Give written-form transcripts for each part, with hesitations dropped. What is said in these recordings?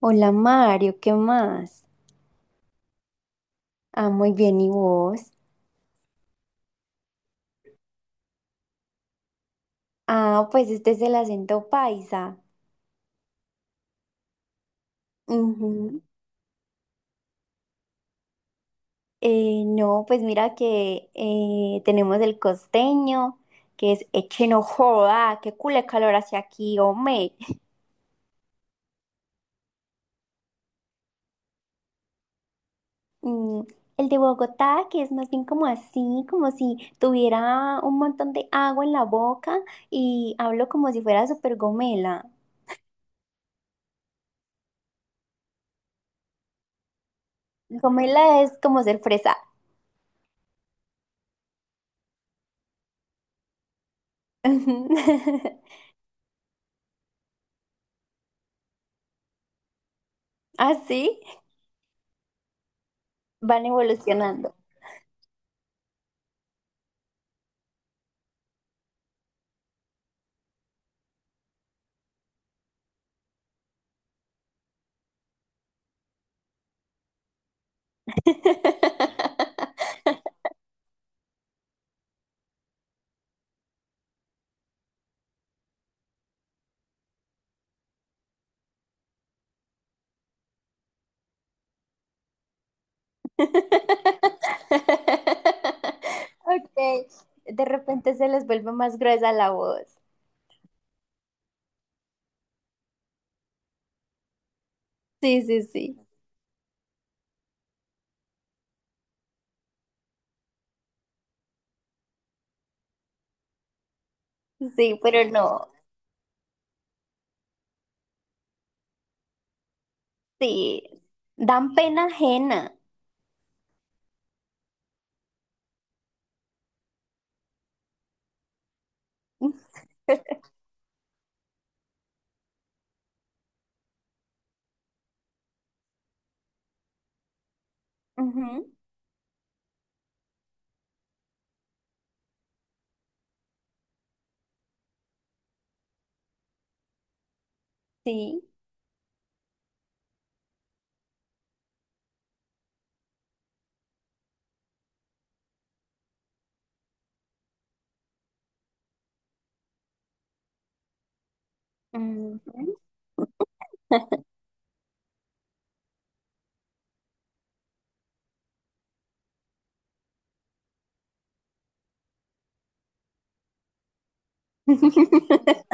Hola Mario, ¿qué más? Ah, muy bien, ¿y vos? Ah, pues este es el acento paisa. Ujú. No, pues mira que tenemos el costeño, que es eche no joda, qué culé calor hacia aquí, hombre. Mm, el de Bogotá, que es más bien como así, como si tuviera un montón de agua en la boca y hablo como si fuera súper gomela. Gomela es como ser fresa. ¿Ah, sí? Van evolucionando. Ok, de repente se les vuelve más gruesa la voz. Sí, sí, sí. Sí, pero no. Sí, dan pena ajena. Ujú. Sí. Ujú.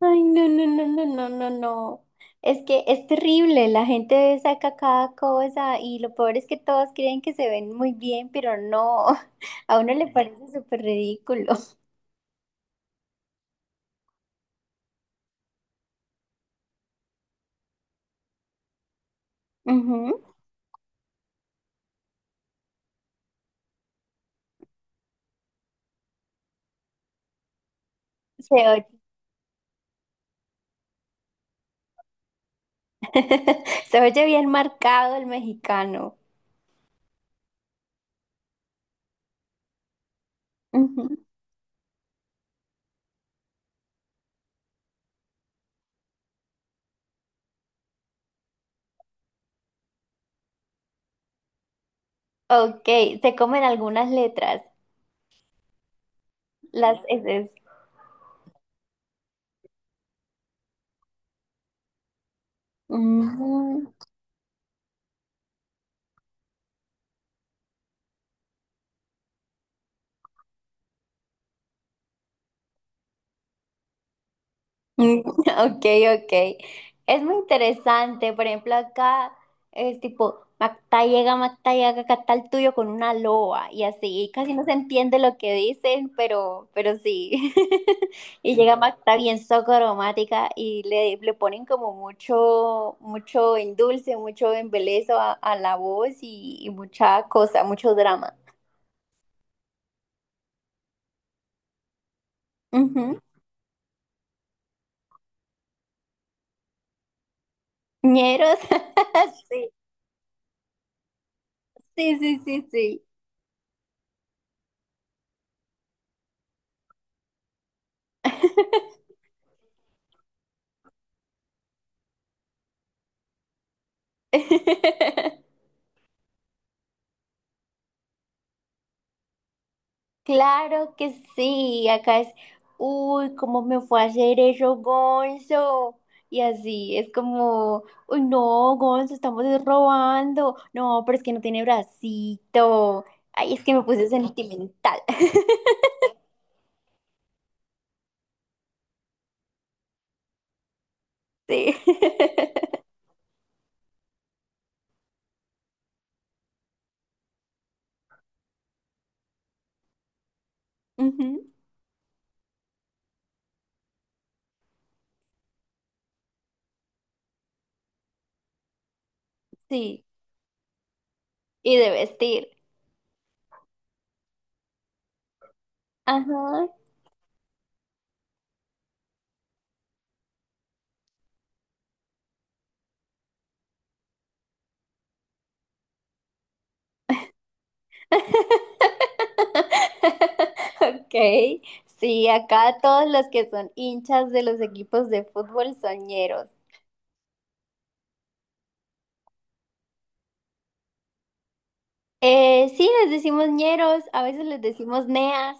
Ay, no, no, no, no, no, no, no. Es que es terrible, la gente saca cada cosa y lo peor es que todos creen que se ven muy bien, pero no, a uno le parece súper ridículo. Ujú. Se oye, se oye bien marcado el mexicano. Ujú. Ok, se comen algunas letras, las eses. Mm. Ok, ok. Es muy interesante. Por ejemplo, acá es tipo Mactayaga, Mactayaga, acá está el tuyo con una loa y así. Y casi no se entiende lo que dicen, pero sí. Y llega Macta bien aromática y le ponen como mucho, mucho endulce, mucho embelezo a la voz y mucha cosa, mucho drama. Ujú. Ñeros. Sí, sí, sí, sí, sí. Claro que sí, acá es, uy, ¿cómo me fue a hacer eso, Gonzo? Y así, es como, uy, no, Gonzo, estamos robando. No, pero es que no tiene bracito. Ay, es que me puse sentimental. Sí. Ujú, sí, y de vestir. Ajá. Ok, sí, acá todos los que son hinchas de los equipos de fútbol soñeros. Sí, les decimos ñeros, a veces les decimos neas.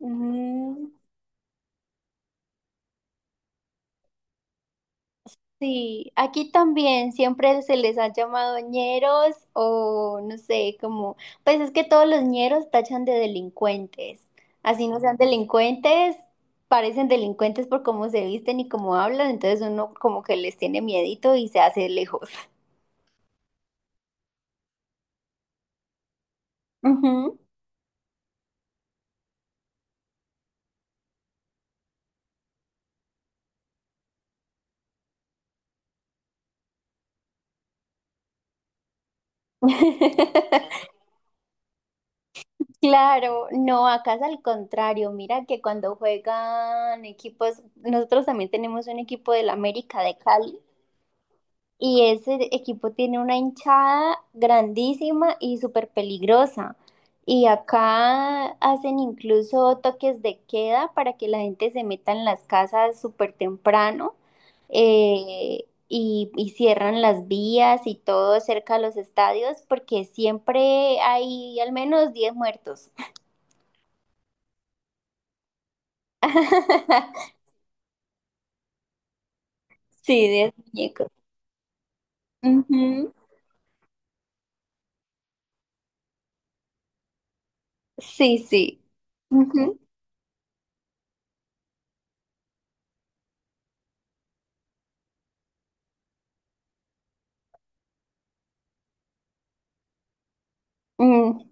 Mm, sí, aquí también siempre se les ha llamado ñeros o no sé, como, pues es que todos los ñeros tachan de delincuentes. Así no sean delincuentes, parecen delincuentes por cómo se visten y cómo hablan, entonces uno como que les tiene miedito y se hace lejos. Ujú. Claro, no, acá es al contrario. Mira que cuando juegan equipos, nosotros también tenemos un equipo del América de Cali y ese equipo tiene una hinchada grandísima y súper peligrosa. Y acá hacen incluso toques de queda para que la gente se meta en las casas súper temprano y cierran las vías y todo cerca de los estadios porque siempre hay al menos 10 muertos. Sí, 10 muñecos. Ujú. Sí, sí. Ujú. Mm.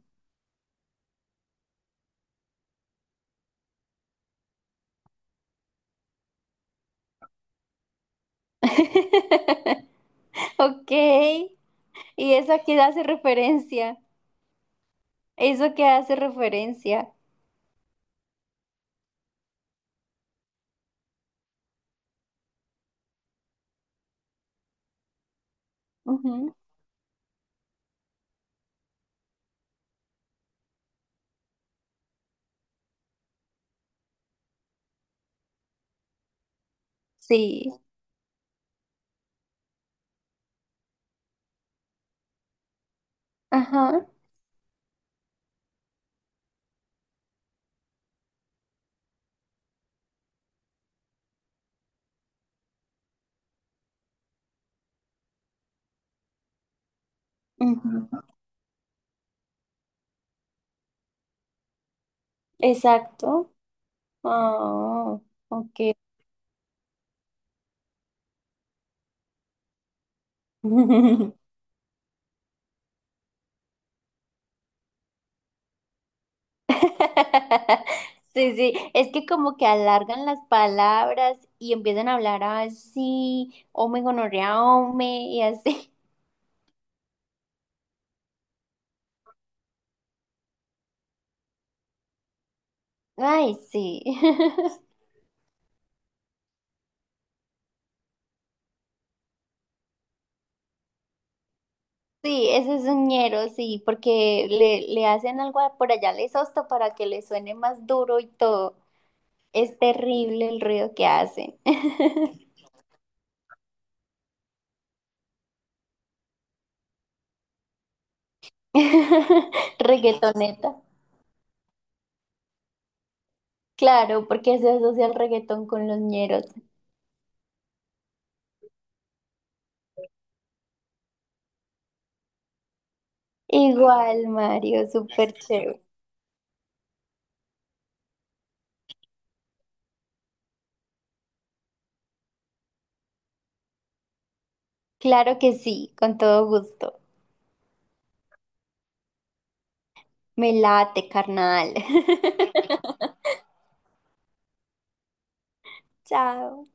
Ok. ¿Y eso a qué hace referencia? ¿Eso que hace referencia? Ujú. Sí. Ajá. Ujú. Exacto. Ah, ok. Sí, sí, es que como que alargan las palabras y empiezan a hablar así, ome gonorrea, ome, y así. Ay, sí. Sí, ese es un ñero, sí, porque le hacen algo a- por allá, les sosto para que le suene más duro y todo. Es terrible el ruido que hacen. Reggaetoneta. Claro, porque se asocia el reggaetón con los ñeros. Igual, Mario, súper chévere. Claro que sí, con todo gusto. Me late, carnal. Chao.